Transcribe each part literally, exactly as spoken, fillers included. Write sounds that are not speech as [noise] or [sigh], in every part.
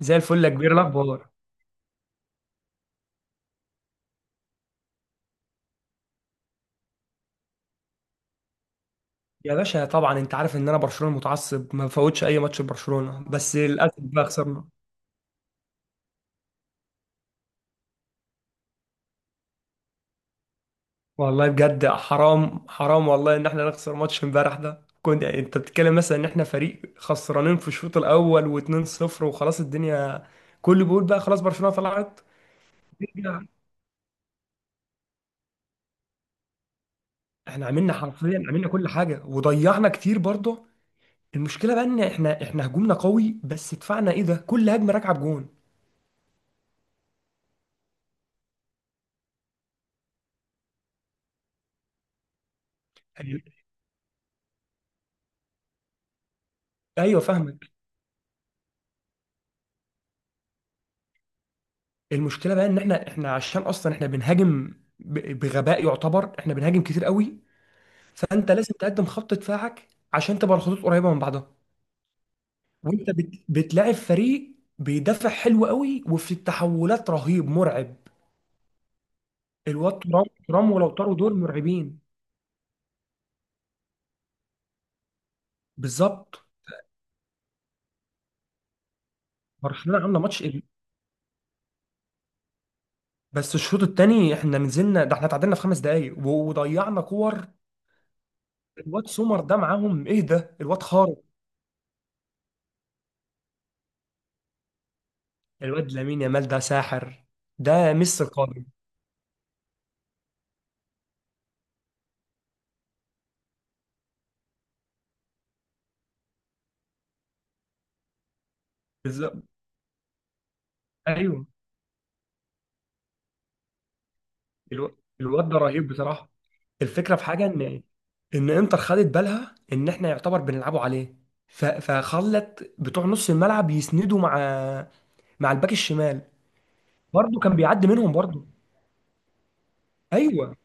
زي الفل يا كبير، إيه الاخبار؟ يا باشا طبعا انت عارف ان انا برشلونه متعصب، ما بفوتش اي ماتش لبرشلونه، بس للاسف بقى خسرنا. والله بجد حرام، حرام والله ان احنا نخسر ماتش امبارح ده، كنت يعني انت بتتكلم مثلا ان احنا فريق خسرانين في الشوط الاول و2-0 وخلاص، الدنيا كله بيقول بقى خلاص برشلونه طلعت. نرجع. احنا عملنا حرفيا، عملنا كل حاجه وضيعنا كتير برضه. المشكله بقى ان احنا احنا هجومنا قوي، بس دفاعنا ايه ده، كل هجمه راكعه بجون. يعني- ايوه فاهمك. المشكله بقى ان احنا احنا عشان اصلا احنا بنهاجم ب- بغباء، يعتبر احنا بنهاجم كتير قوي. فانت لازم تقدم خط دفاعك عشان تبقى الخطوط قريبه من بعضها. وانت بت... بتلاعب فريق بيدافع حلو قوي، وفي التحولات رهيب مرعب. الواد ترام ترام ولو طاروا دول مرعبين. بالظبط. برشلونه عامله ماتش إيه؟ بس الشوط الثاني احنا نزلنا، ده احنا اتعادلنا في خمس دقائق و- وضيعنا كور. الواد سومر ده معاهم ايه ده، الواد خارق. الواد لامين يامال ده ساحر، ده ميسي القادم. ايوه. الو... الواد ده رهيب بصراحه. الفكره في حاجه ان ان انتر خدت بالها ان احنا يعتبر بنلعبوا عليه. ف... فخلت بتوع نص الملعب يسندوا مع مع الباك الشمال. برضه كان بيعدي منهم برضه. ايوه.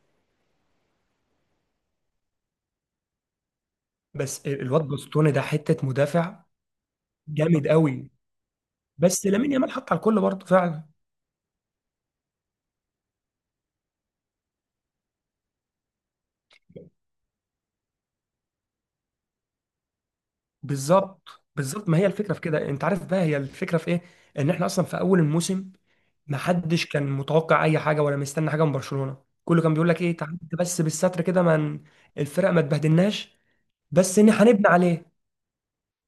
بس ال- الواد بوستوني ده حته مدافع، جامد قوي. بس لامين يامال حط على الكل برضه فعلا. بالظبط، بالظبط. ما هي الفكره في كده، انت عارف بقى هي الفكره في ايه؟ ان احنا اصلا في اول الموسم، محدش كان متوقع اي حاجه ولا مستني حاجه من برشلونه. كله كان بيقول لك ايه، تعدي بس بالستر كده من الفرق، ما تبهدلناش، بس ان هنبني عليه.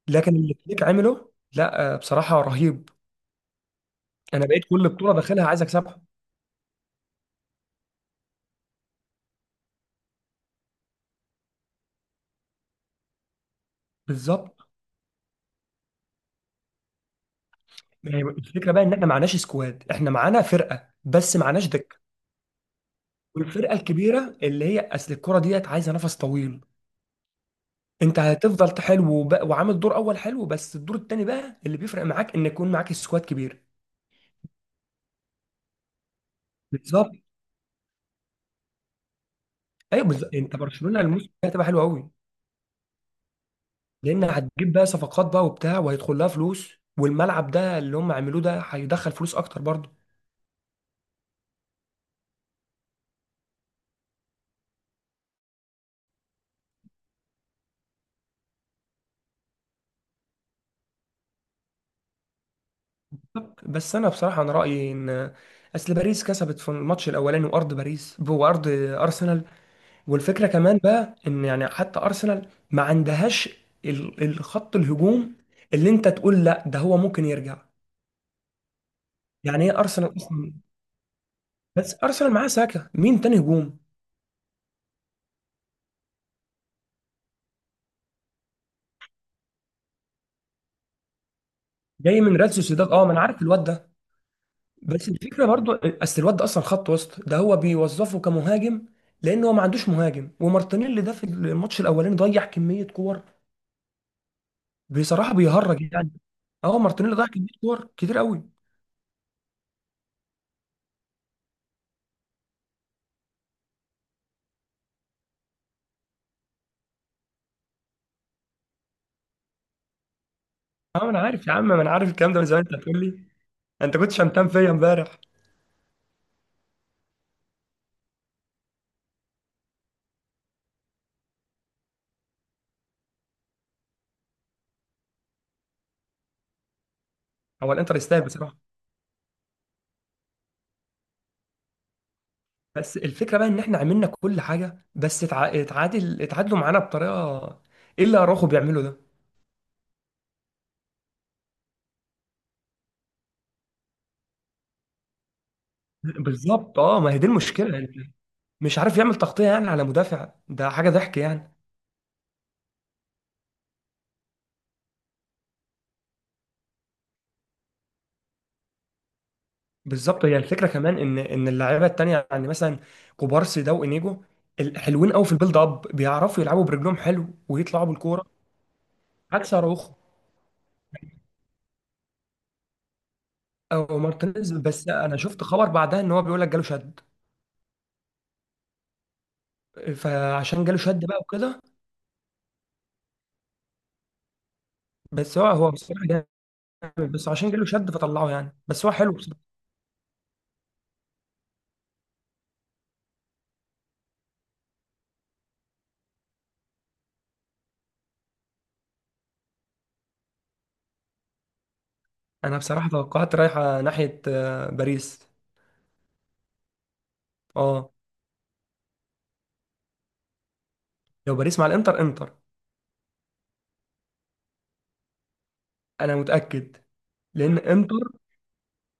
لكن اللي فليك عمله، لا آه، بصراحه رهيب. انا بقيت كل بطوله داخلها عايز اكسبها. بالظبط. ما هي الفكره بقى ان احنا معناش سكواد، احنا معانا فرقه بس معناش دكه. والفرقه الكبيره اللي هي اصل الكره ديت عايزه نفس طويل. انت هتفضل حلو وب- وعامل دور اول حلو، بس الدور التاني بقى اللي بيفرق معاك ان يكون معاك سكواد كبير. بالظبط. ايوه بالظبط، انت برشلونه الموسم ده هتبقى حلو قوي، لان هتجيب بقى صفقات بقى وبتاع وهيدخل لها فلوس. والملعب ده اللي هم عملوه ده هيدخل فلوس اكتر برضه. بالظبط. بس انا بصراحه انا رايي ان اصل باريس كسبت في الماتش الاولاني، وارض باريس وارض ارسنال. والفكره كمان بقى ان يعني حتى ارسنال ما عندهاش ال- الخط الهجوم اللي انت تقول لا ده هو ممكن يرجع. يعني ايه ارسنال اصلا، بس ارسنال معاه ساكا، مين تاني هجوم؟ جاي من ريال سوسيداد، اه ما انا عارف الواد ده. بس الفكره برضو، اصل الواد ده اصلا خط وسط، ده هو بيوظفه كمهاجم لان هو ما عندوش مهاجم. ومارتينيلي ده في الماتش الاولاني ضيع كميه كور، بصراحه بيهرج يعني. اه، مارتينيلي ضيع كميه كور كتير قوي. اه انا عارف يا عم، ما انا عارف الكلام ده من زمان، انت هتقول لي انت كنت شمتان فيا امبارح. هو الانتر يستاهل بصراحه. بس الفكره بقى ان احنا عملنا كل حاجه، بس اتع- اتعادل اتعادلوا معانا بطريقه، ايه اللي اراخو بيعمله ده؟ بالظبط اه، ما هي دي المشكله يعني. مش عارف يعمل تغطيه يعني على مدافع، ده حاجه ضحك يعني. بالظبط. هي الفكره كمان ان ان اللعيبه التانيه يعني مثلا كوبارسي ده وانيجو، ال- حلوين قوي في البيلد اب، بيعرفوا يلعبوا برجلهم حلو ويطلعوا بالكوره. عكس اراوخو او مارتينيز. بس انا شفت خبر بعدها ان هو بيقول لك جاله شد، فعشان جاله شد بقى وكده. بس هو هو بصراحه جامد، بس عشان جاله شد فطلعه يعني، بس هو حلو بصراحه. انا بصراحه توقعات رايحه ناحيه آه، باريس. اه. لو باريس مع الانتر، انتر. انا متاكد. لان انتر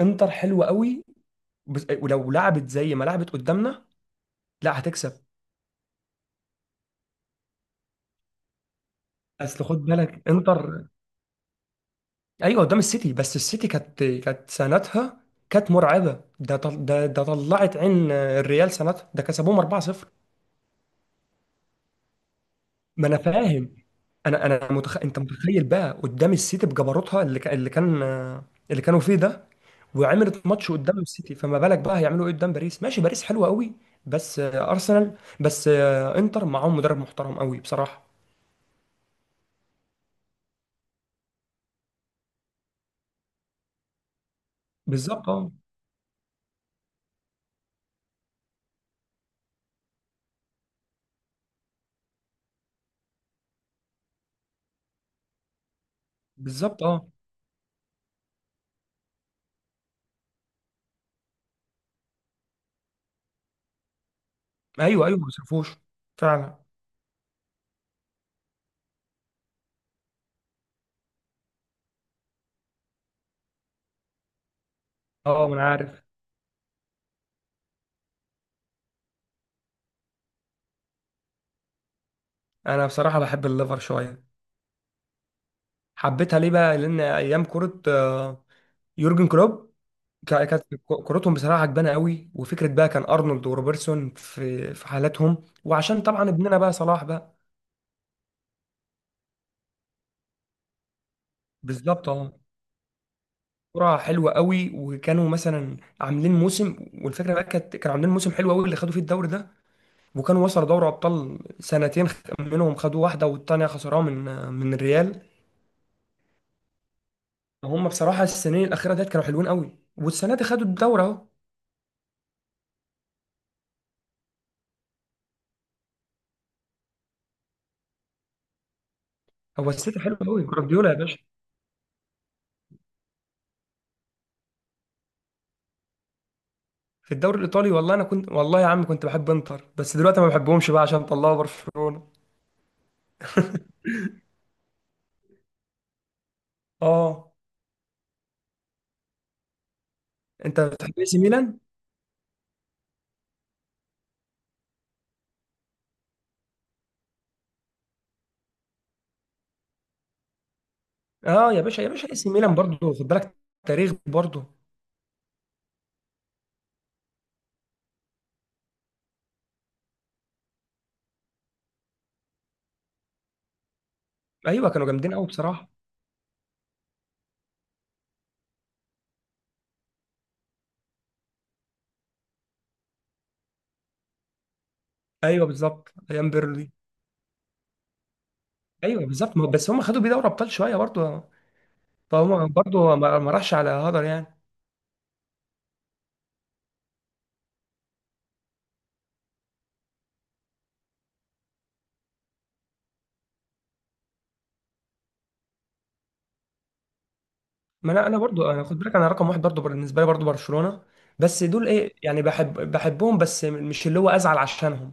انتر حلوه قوي، بس- ولو لعبت زي ما لعبت قدامنا، لا هتكسب. اصل خد بالك انتر، ايوه قدام السيتي، بس السيتي كانت كانت سنتها كانت مرعبه، ده طل... ده ده طلعت عين الريال سنتها، ده كسبوهم اربعة صفر. ما انا فاهم. انا انا متخ... انت متخيل بقى قدام السيتي بجبروتها، اللي ك... اللي كان اللي كانوا فيه ده، وعملت ماتش قدام السيتي، فما بالك بقى هيعملوا ايه قدام باريس؟ ماشي، باريس حلوه قوي، بس ارسنال، بس انتر معاهم مدرب محترم قوي بصراحه. بالظبط اه. بالظبط اه. ايوه ايوه، ما صرفوش فعلا. اه ما انا عارف. انا بصراحه بحب الليفر شويه. حبيتها ليه بقى؟ لان ايام كره آه، يورجن كلوب، كا- كانت كورتهم بصراحه عجبانه قوي، وفكره بقى كان ارنولد وروبرتسون في في حالاتهم، وعشان طبعا ابننا بقى صلاح بقى. بالظبط اه. كره حلوه قوي، وكانوا مثلا عاملين موسم. والفكره بقى كانت كانوا عاملين موسم حلو قوي اللي خدوا فيه الدوري ده، وكانوا وصلوا دوري ابطال سنتين، خ- منهم خدوا واحده والتانيه خسروها من آه، من الريال. هم بصراحه السنين الاخيره ديت كانوا حلوين قوي، والسنه دي خدوا الدوري اهو. هو السيتي حلو قوي، جوارديولا يا باشا. في الدوري الايطالي، والله انا كنت، والله يا عم كنت بحب انتر، بس دلوقتي ما بحبهمش بقى عشان طلعوا برشلونة. [laughs] اه. انت بتحب اي سي ميلان. اه يا باشا يا باشا، اي سي ميلان برضه خد بالك، تاريخ برضه. ايوه كانوا جامدين قوي بصراحة. ايوه بالظبط، ايام بيرلي. ايوه بالظبط، ما- بس هم خدوا بيه دوري ابطال شوية برضه، فهم برضه ما ما راحش على هدر يعني. ما انا انا برضه انا خد بالك، انا رقم واحد برضه بالنسبة لي، برضه برشلونة. بس دول ايه يعني، بحب بحبهم، بس مش اللي هو ازعل عشانهم.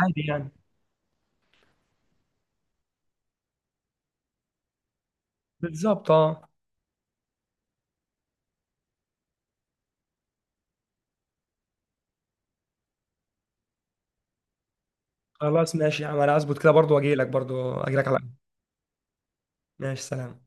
عادي يعني. بالظبط اه. خلاص ماشي يا عم، انا هظبط كده برضو واجي لك برضو اجي لك على. ماشي، سلام.